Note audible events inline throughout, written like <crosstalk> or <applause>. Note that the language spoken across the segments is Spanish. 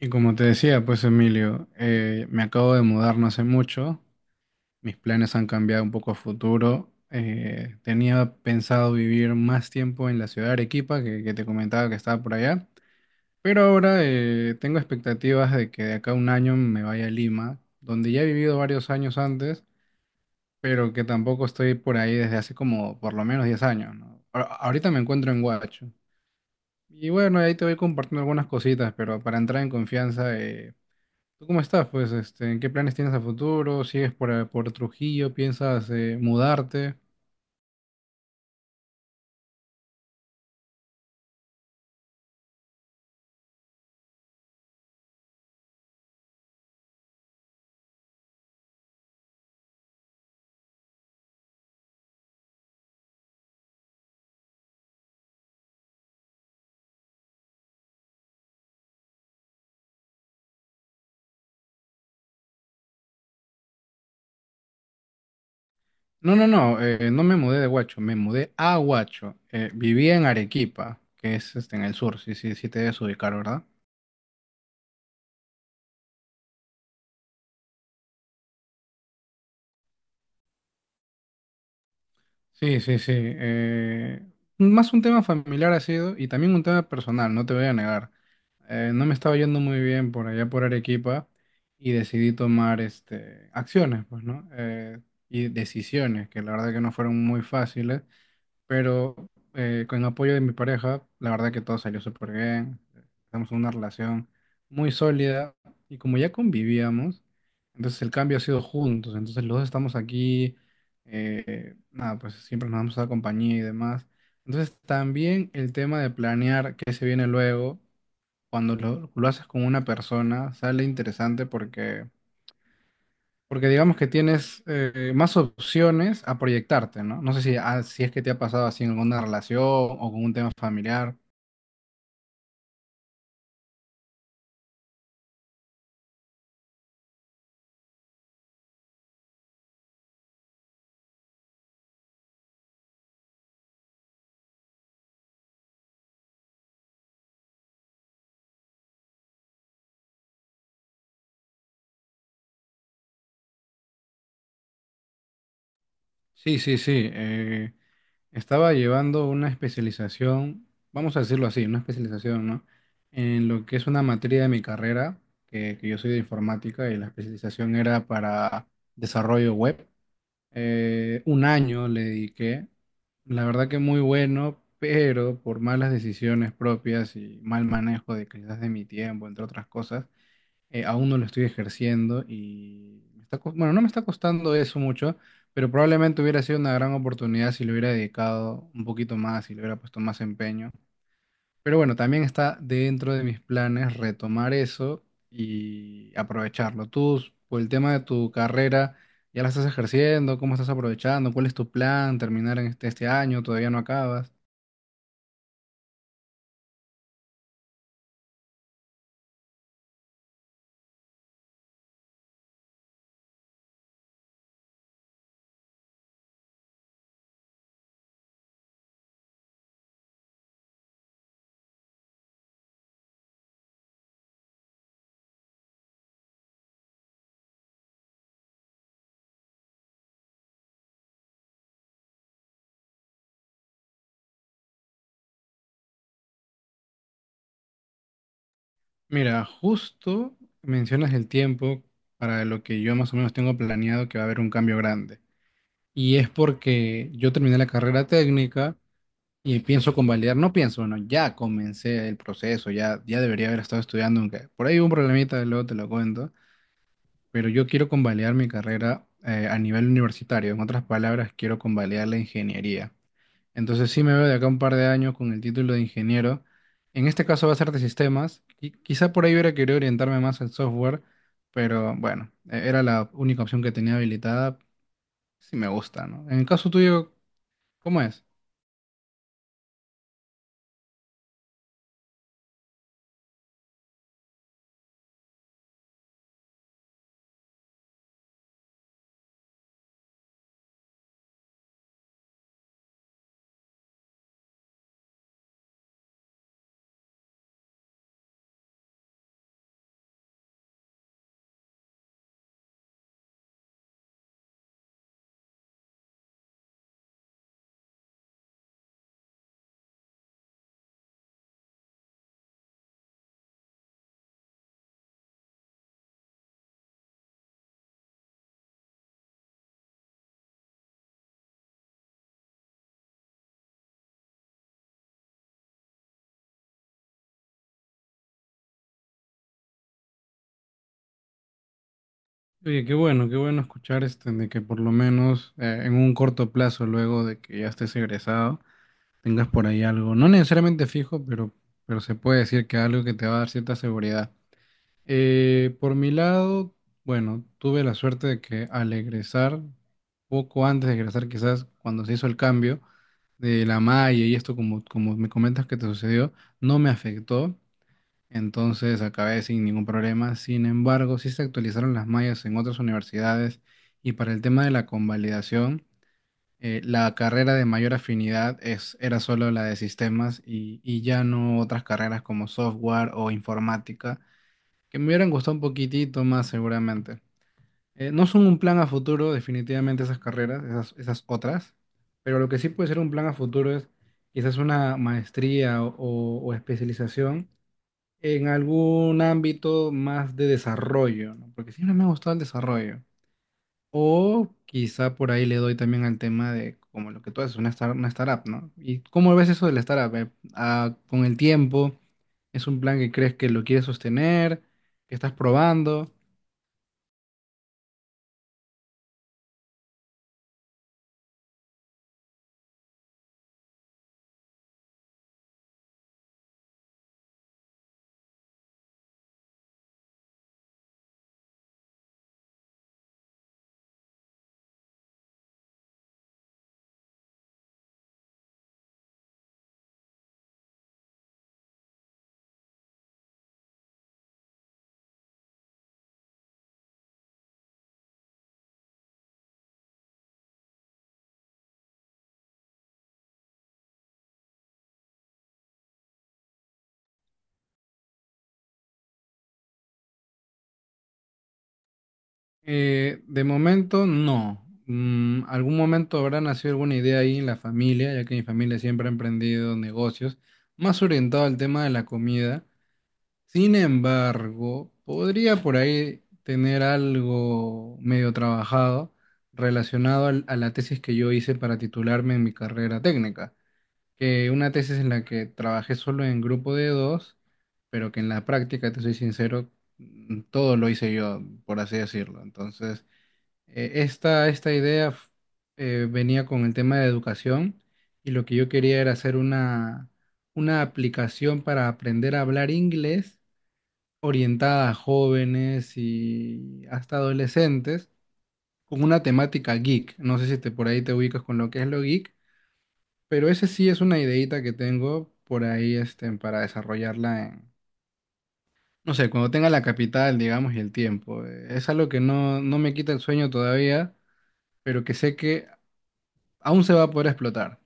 Y como te decía, pues Emilio, me acabo de mudar no hace mucho, mis planes han cambiado un poco a futuro, tenía pensado vivir más tiempo en la ciudad de Arequipa, que te comentaba que estaba por allá, pero ahora tengo expectativas de que de acá a un año me vaya a Lima, donde ya he vivido varios años antes, pero que tampoco estoy por ahí desde hace como por lo menos 10 años, ¿no? Ahorita me encuentro en Huacho. Y bueno, ahí te voy compartiendo algunas cositas, pero para entrar en confianza. ¿Tú cómo estás? Pues, este, ¿en qué planes tienes a futuro? ¿Sigues por Trujillo? ¿Piensas mudarte? No, no, no, no me mudé de Huacho, me mudé a Huacho. Vivía en Arequipa, que es este, en el sur, sí, sí, sí te debes ubicar, ¿verdad? Sí, sí, sí. Más un tema familiar ha sido y también un tema personal, no te voy a negar. No me estaba yendo muy bien por allá por Arequipa y decidí tomar este, acciones, pues, ¿no? Y decisiones que la verdad que no fueron muy fáciles. Pero con el apoyo de mi pareja, la verdad que todo salió súper bien. Estamos en una relación muy sólida y como ya convivíamos, entonces el cambio ha sido juntos. Entonces los dos estamos aquí, nada, pues siempre nos damos la compañía y demás. Entonces también el tema de planear qué se viene luego, cuando lo haces con una persona, sale interesante porque digamos que tienes más opciones a proyectarte, ¿no? No sé si, ah, si es que te ha pasado así en alguna relación o con un tema familiar. Sí, sí, sí. Estaba llevando una especialización, vamos a decirlo así, una especialización, ¿no? En lo que es una materia de mi carrera, que yo soy de informática y la especialización era para desarrollo web. Un año le dediqué, la verdad que muy bueno, pero por malas decisiones propias y mal manejo de quizás de mi tiempo, entre otras cosas, aún no lo estoy ejerciendo y me está bueno, no me está costando eso mucho, pero probablemente hubiera sido una gran oportunidad si le hubiera dedicado un poquito más, si le hubiera puesto más empeño. Pero bueno, también está dentro de mis planes retomar eso y aprovecharlo. Tú, por el tema de tu carrera, ¿ya la estás ejerciendo? ¿Cómo estás aprovechando? ¿Cuál es tu plan? ¿Terminar en este año? ¿Todavía no acabas? Mira, justo mencionas el tiempo para lo que yo más o menos tengo planeado que va a haber un cambio grande. Y es porque yo terminé la carrera técnica y pienso convalidar, no pienso, bueno, ya comencé el proceso, ya debería haber estado estudiando, aunque por ahí hubo un problemita, luego te lo cuento. Pero yo quiero convalidar mi carrera a nivel universitario. En otras palabras, quiero convalidar la ingeniería. Entonces sí me veo de acá un par de años con el título de ingeniero. En este caso va a ser de sistemas. Quizá por ahí hubiera querido orientarme más al software, pero bueno, era la única opción que tenía habilitada. Sí me gusta, ¿no? En el caso tuyo, ¿cómo es? Oye, qué bueno escuchar este, de que por lo menos en un corto plazo, luego de que ya estés egresado, tengas por ahí algo, no necesariamente fijo, pero se puede decir que algo que te va a dar cierta seguridad. Por mi lado, bueno, tuve la suerte de que al egresar, poco antes de egresar quizás, cuando se hizo el cambio de la malla y esto como, como me comentas que te sucedió, no me afectó, entonces acabé sin ningún problema. Sin embargo, sí se actualizaron las mallas en otras universidades y para el tema de la convalidación la carrera de mayor afinidad era solo la de sistemas y ya no otras carreras como software o informática, que me hubieran gustado un poquitito más seguramente. No son un plan a futuro, definitivamente esas carreras, esas otras, pero lo que sí puede ser un plan a futuro es quizás una maestría o, o especialización en algún ámbito más de desarrollo, ¿no? Porque siempre me ha gustado el desarrollo. O quizá por ahí le doy también al tema de como lo que tú haces, una startup, ¿no? ¿Y cómo ves eso de la startup? Ah, con el tiempo, ¿es un plan que crees que lo quieres sostener, que estás probando? De momento, no. Algún momento habrá nacido alguna idea ahí en la familia, ya que mi familia siempre ha emprendido negocios, más orientado al tema de la comida. Sin embargo, podría por ahí tener algo medio trabajado relacionado a la tesis que yo hice para titularme en mi carrera técnica, que una tesis en la que trabajé solo en grupo de dos, pero que en la práctica, te soy sincero, todo lo hice yo, por así decirlo. Entonces, esta idea venía con el tema de educación y lo que yo quería era hacer una aplicación para aprender a hablar inglés orientada a jóvenes y hasta adolescentes con una temática geek. No sé si te, por ahí te ubicas con lo que es lo geek, pero ese sí es una ideita que tengo por ahí este, para desarrollarla en, no sé, cuando tenga la capital, digamos, y el tiempo. Es algo que no, no me quita el sueño todavía, pero que sé que aún se va a poder explotar.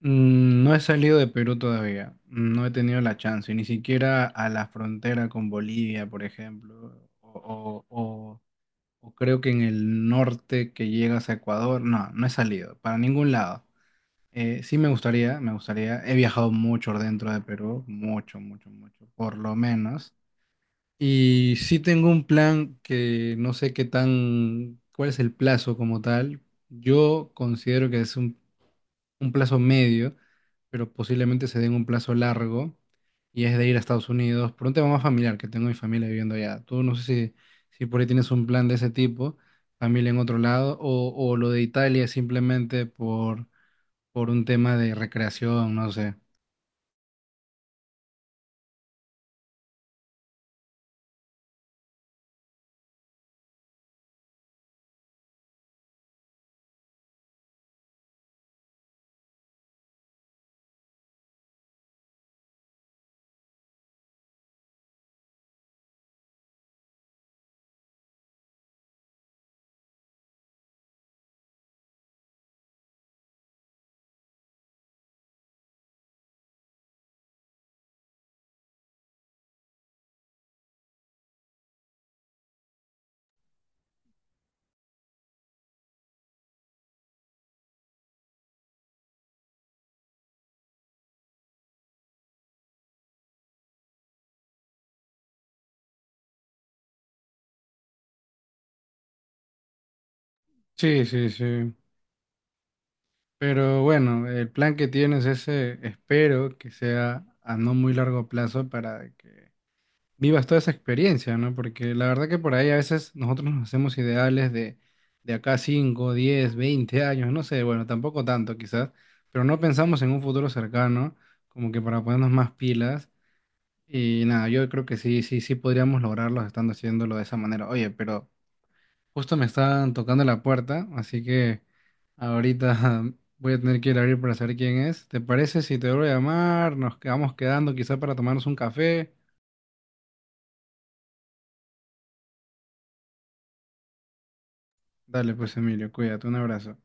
No he salido de Perú todavía, no he tenido la chance, ni siquiera a la frontera con Bolivia, por ejemplo, o, o creo que en el norte que llegas a Ecuador, no, no he salido para ningún lado. Sí me gustaría, me gustaría. He viajado mucho dentro de Perú, mucho, mucho, mucho, por lo menos. Y sí tengo un plan que no sé qué tan, cuál es el plazo como tal. Yo considero que es un plazo medio, pero posiblemente se den un plazo largo y es de ir a Estados Unidos por un tema más familiar, que tengo mi familia viviendo allá. Tú no sé si por ahí tienes un plan de ese tipo, familia en otro lado, o, lo de Italia es simplemente por un tema de recreación, no sé. Sí, sí, sí. Pero bueno, el plan que tienes ese, espero que sea a no muy largo plazo para que vivas toda esa experiencia, ¿no? Porque la verdad que por ahí a veces nosotros nos hacemos ideales de acá 5 10 20 años, no sé, bueno, tampoco tanto quizás, pero no pensamos en un futuro cercano, como que para ponernos más pilas. Y nada, yo creo que sí, sí, sí podríamos lograrlo estando haciéndolo de esa manera. Oye, pero justo me están tocando la puerta, así que ahorita <laughs> voy a tener que ir a abrir para saber quién es. ¿Te parece si te vuelvo a llamar? Nos quedamos quedando quizás para tomarnos un café. Dale, pues Emilio, cuídate, un abrazo.